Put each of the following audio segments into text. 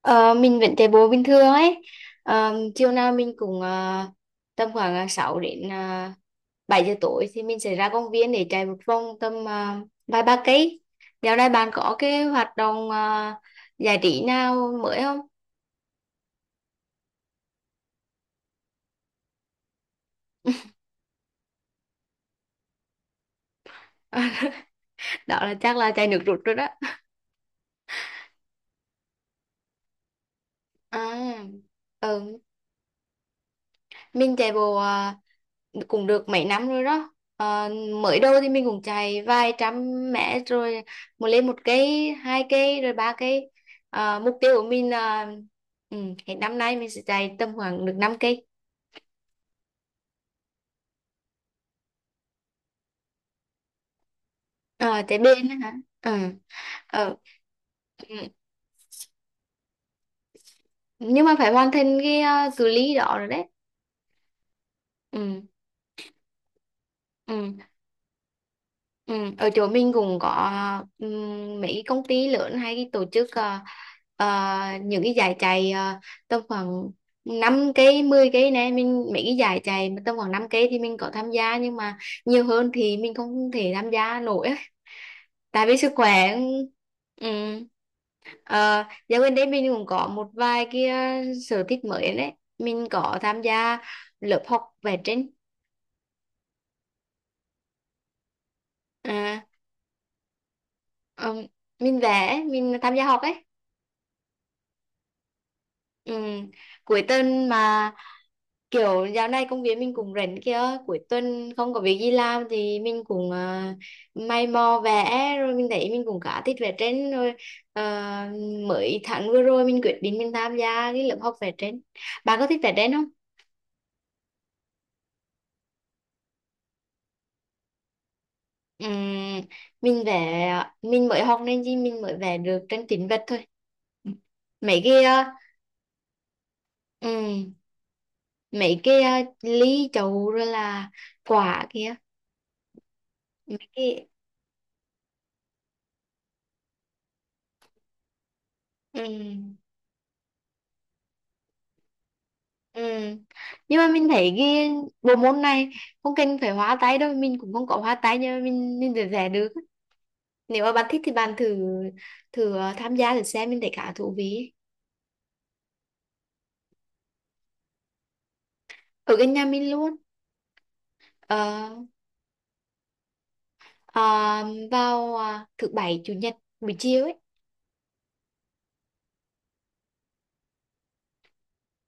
Ờ, mình vẫn chạy bộ bình thường ấy. Chiều nào mình cũng tầm khoảng 6 đến 7 giờ tối thì mình sẽ ra công viên để chạy một vòng tầm vài ba cây. Dạo này bạn có cái hoạt động giải trí nào mới không? Đó là chắc là chạy nước rút rồi đó. À, ừ, mình chạy bộ cũng được mấy năm rồi đó mới đầu thì mình cũng chạy vài trăm mét rồi một lên một cây hai cây rồi ba cây. Mục tiêu của mình là ừ, hết năm nay mình sẽ chạy tầm khoảng được 5 cây. À, chạy bên á hả. Ừ. Ờ, ừ. Nhưng mà phải hoàn thành cái cự ly đó rồi đấy. Ừ. Ừ. Ừ, ở chỗ mình cũng có mấy cái công ty lớn hay cái tổ chức ờ, những cái giải chạy tầm khoảng 5 cây 10 cây này mình mấy cái giải chạy mà tầm khoảng 5 cây thì mình có tham gia nhưng mà nhiều hơn thì mình không thể tham gia nổi á. Tại vì sức khỏe. Ừ. Ờ, dạo gần đây mình cũng có một vài cái sở thích mới đấy. Mình có tham gia lớp học vẽ tranh. à, ừm, mình vẽ mình tham gia học ấy. Ừ, cuối tuần mà kiểu dạo này công việc mình cũng rảnh kia. Cuối tuần không có việc gì làm thì mình cũng may mò vẽ rồi mình thấy mình cũng khá thích vẽ tranh rồi. à, mới tháng vừa rồi mình quyết định mình tham gia cái lớp học vẽ tranh. Bạn có thích vẽ tranh không? Ừ, mình vẽ mình mới học nên gì mình mới vẽ được tranh tĩnh vật thôi. mấy cái à, ừ, mấy cái ly chậu rồi là quả kia mấy cái. Ừ. Ừ. Nhưng mà mình thấy cái bộ môn này không cần phải hóa tay đâu mình cũng không có hóa tay nhưng mà mình vẫn vẽ được. Nếu mà bạn thích thì bạn thử thử tham gia thử xem mình thấy khá thú vị. Ở gần nhà mình luôn. ờ, ờ, vào thứ bảy chủ nhật buổi chiều ấy.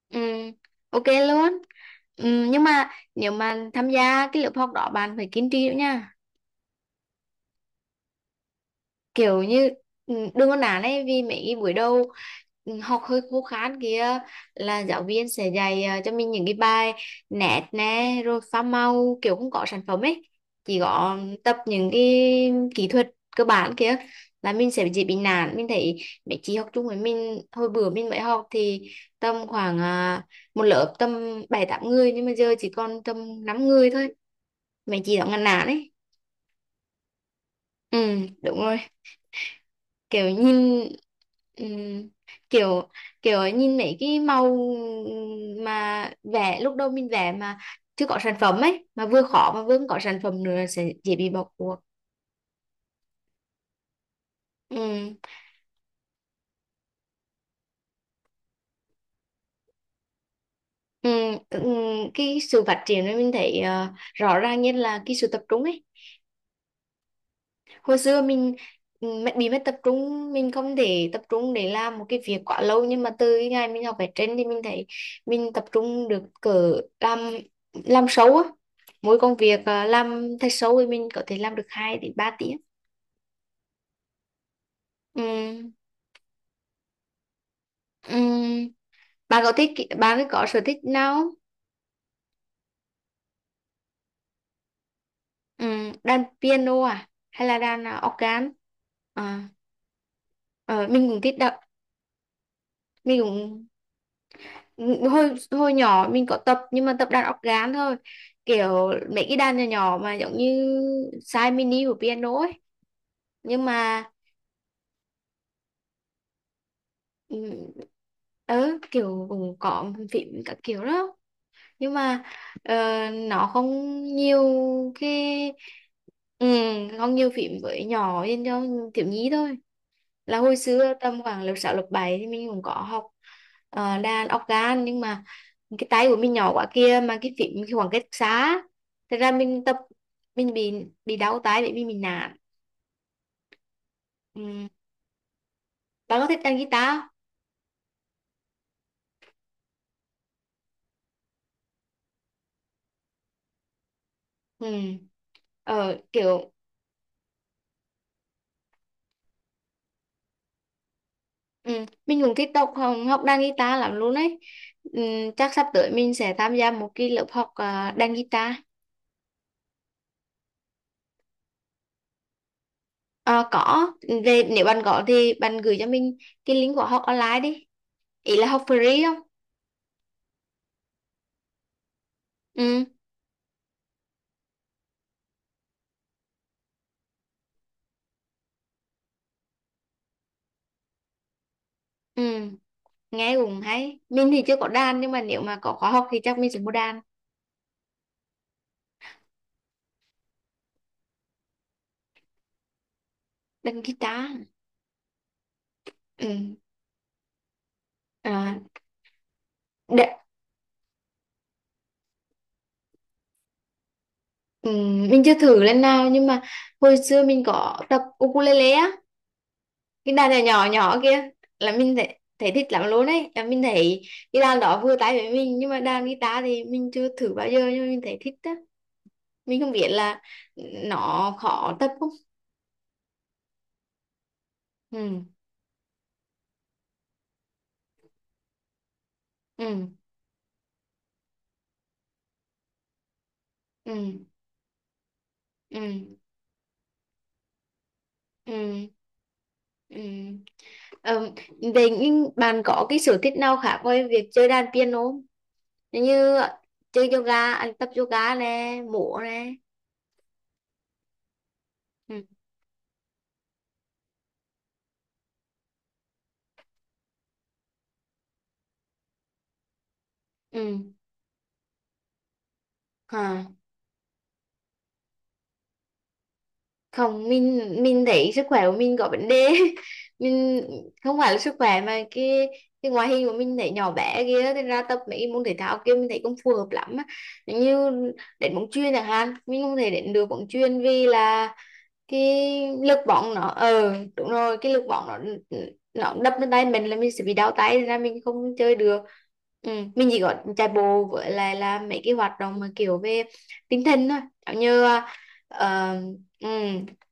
Ừ, ok luôn. Ừ, nhưng mà nếu mà tham gia cái lớp học đó bạn phải kiên trì nữa nha. Kiểu như đừng có nản ấy vì mấy buổi đầu. Ừ, học hơi khô khan kia là giáo viên sẽ dạy cho mình những cái bài nét nè rồi pha màu kiểu không có sản phẩm ấy chỉ có tập những cái kỹ thuật cơ bản kia là mình sẽ dễ bị nản mình thấy. Mấy chị học chung với mình hồi bữa mình mới học thì tầm khoảng một lớp tầm bảy tám người nhưng mà giờ chỉ còn tầm 5 người thôi. Mấy chị đó ngăn nản ấy. Ừ, đúng rồi. Kiểu nhìn ừm, kiểu kiểu nhìn mấy cái màu mà vẽ lúc đầu mình vẽ mà chưa có sản phẩm ấy mà vừa khó mà vừa không có sản phẩm nữa sẽ dễ bị bỏ cuộc. Ừm, cái sự phát triển này mình thấy rõ ràng nhất là cái sự tập trung ấy. Hồi xưa mình bị mất tập trung mình không thể tập trung để làm một cái việc quá lâu nhưng mà từ cái ngày mình học vẽ tranh thì mình thấy mình tập trung được cỡ làm làm sâu á. Mỗi công việc làm thật sâu thì mình có thể làm được 2 đến 3 tiếng. Ừ. Ừ. bạn có thích bạn có sở thích nào không? Ừ. Đàn piano à hay là đàn organ? à, ờ, mình cũng thích đọc mình cũng hồi hồi nhỏ mình có tập nhưng mà tập đàn óc gán thôi kiểu mấy cái đàn nhỏ nhỏ mà giống như size mini của piano ấy nhưng mà ừ, ừ kiểu cũng có phím các kiểu đó nhưng mà ờ, nó không nhiều cái ừ, không nhiều phím với nhỏ nên cho thiếu nhi thôi. Là hồi xưa tầm khoảng lớp 6, lớp 7 thì mình cũng có học đàn organ nhưng mà cái tay của mình nhỏ quá kia mà cái phím cái khoảng cách xa thật ra mình tập mình bị đau tay bởi vì mình nản. Ừ. Bạn có thích đàn guitar không? Ừ. Ờ kiểu. Ừ. Mình cũng thích học học đàn guitar lắm luôn ấy. Ừ. Chắc sắp tới mình sẽ tham gia một cái lớp học đàn guitar. Ờ, có về. Nếu bạn có thì bạn gửi cho mình cái link của học online đi. Ý là học free không? Ừ. Ừ, nghe cũng hay. Mình thì chưa có đàn nhưng mà nếu mà có khóa học thì chắc mình sẽ mua đàn guitar. Ừ. À, đ- ừ, mình chưa thử lần nào nhưng mà hồi xưa mình có tập ukulele á, cái đàn nhỏ nhỏ nhỏ kia là mình thấy thích lắm luôn ấy. Là mình thấy cái đàn đó vừa tay với mình nhưng mà đàn guitar thì mình chưa thử bao giờ nhưng mà mình thấy thích á. Mình không biết là nó khó tập không? Ừ, ừ, ừ, ừ, ừ. Ừ. Ờ, vậy nhưng bạn có cái sở thích nào khác ngoài việc chơi đàn piano không? Như chơi yoga, à, tập yoga nè, múa nè. Ừ. Ừ. Hả? Không, mình thấy sức khỏe của mình có vấn đề. Mình không phải là sức khỏe mà cái ngoại hình của mình thấy nhỏ bé kia nên ra tập mấy môn thể thao kia mình thấy không phù hợp lắm á. Như đến bóng chuyền chẳng hạn, mình không thể đến được bóng chuyền vì là cái lực bóng nó ờ Đúng rồi. Cái lực bóng nó đập lên tay mình là mình sẽ bị đau tay nên là mình không chơi được. Ừ. Mình chỉ có chạy bộ với lại là mấy cái hoạt động mà kiểu về tinh thần thôi giống như ờ, ừ,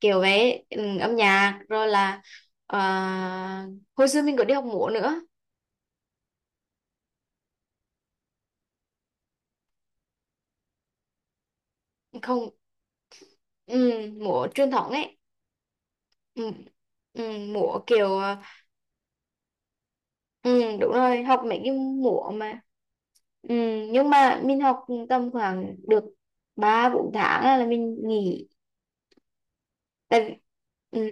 kiểu về âm nhạc rồi là ờ, hồi xưa mình có đi học múa nữa. Không. ừ, múa truyền thống ấy. ừ, ừ, múa kiểu ờ, ừ, Đúng rồi. Học mấy cái múa mà. ừ, nhưng mà mình học tầm khoảng được 3 4 tháng là mình nghỉ. Tại vì ừ,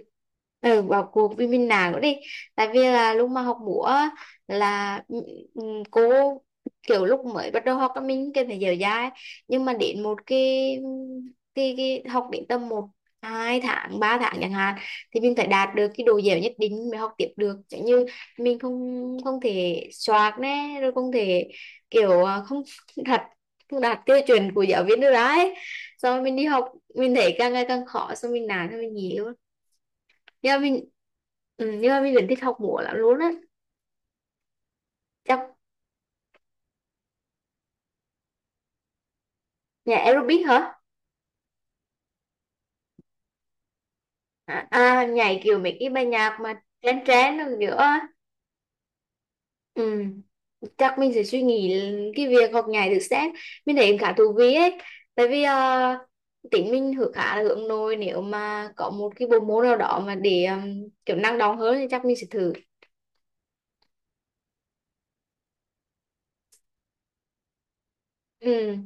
bỏ cuộc vì mình nản nữa đi. Tại vì là lúc mà học múa á, là ừ, cô kiểu lúc mới bắt đầu học á, mình cần phải dở dai nhưng mà đến một cái học đến tầm một hai tháng ba tháng chẳng hạn thì mình phải đạt được cái độ dẻo nhất định mới học tiếp được chẳng như mình không không thể soạt nè rồi không thể kiểu. Đạt không đạt tiêu chuẩn của giáo viên được đấy. Xong rồi mình đi học mình thấy càng ngày càng khó xong mình nản xong mình nghỉ luôn nhưng mà nhưng mà mình vẫn thích học múa lắm luôn á. Chắc nhảy aerobic hả? Nhảy kiểu mấy cái bài nhạc mà trend trend rồi nữa. ừ, chắc mình sẽ suy nghĩ cái việc học nhảy được xét mình thấy khá thú vị ấy. Tại vì tính mình hướng khá là hướng nội nếu mà có một cái bộ môn nào đó mà để kiểu năng động hơn thì chắc mình sẽ thử. Ừ.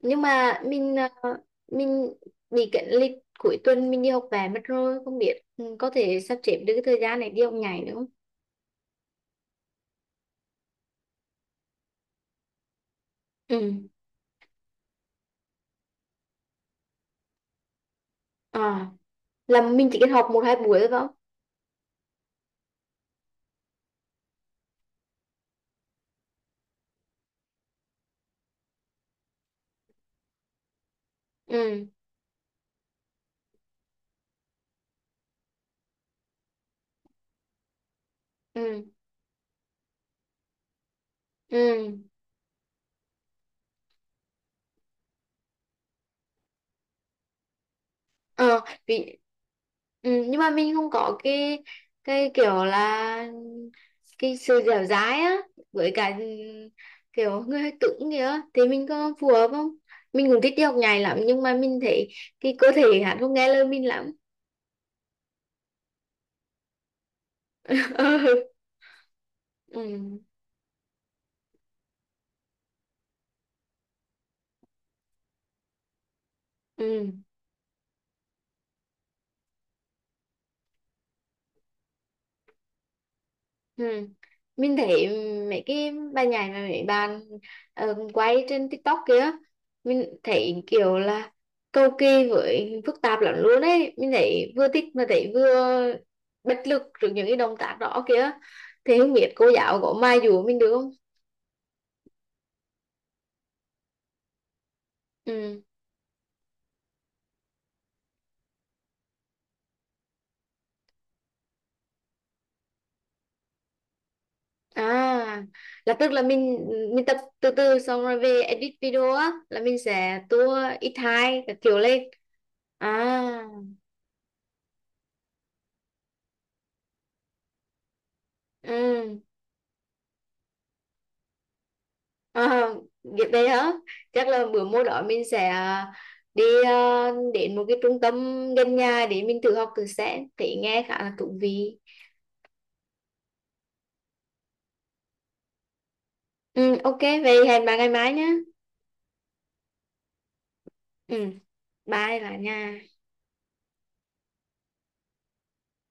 Nhưng mà ờ, mình bị cái lịch cuối tuần mình đi học về mất rồi không biết có thể sắp xếp được cái thời gian này đi học nhảy nữa không. ừ à là mình chỉ cần học một hai buổi thôi phải không? Ừ. Ừ. Ừ. Ờ. Vì nhưng mà mình không có cái kiểu là cái sự dẻo dai á với cả kiểu người hơi cứng kìa thì mình có phù hợp không mình cũng thích đi học nhảy lắm nhưng mà mình thấy cái cơ thể hắn không nghe lời mình lắm. Ừ. Ừ. Ừ. Ừ. Mình thấy mấy cái bài nhảy mà mấy bạn quay trên TikTok kia mình thấy kiểu là cầu kỳ với phức tạp lắm luôn ấy mình thấy vừa thích mà thấy vừa bất lực trước những cái động tác đó kia thì không biết cô giáo có mai dùa mình được không. Ừ. À, là tức là mình tập từ từ xong rồi về edit video á là mình sẽ tua ít hai các kiểu lên. À, ừ. À, việc đấy hả? Chắc là bữa mô đó mình sẽ đi đến một cái trung tâm gần nhà để mình tự học thử sẽ thì nghe khá là thú vị. Ừ, ok, vậy hẹn bà ngày mai nhé. Ừ, bye bà nha.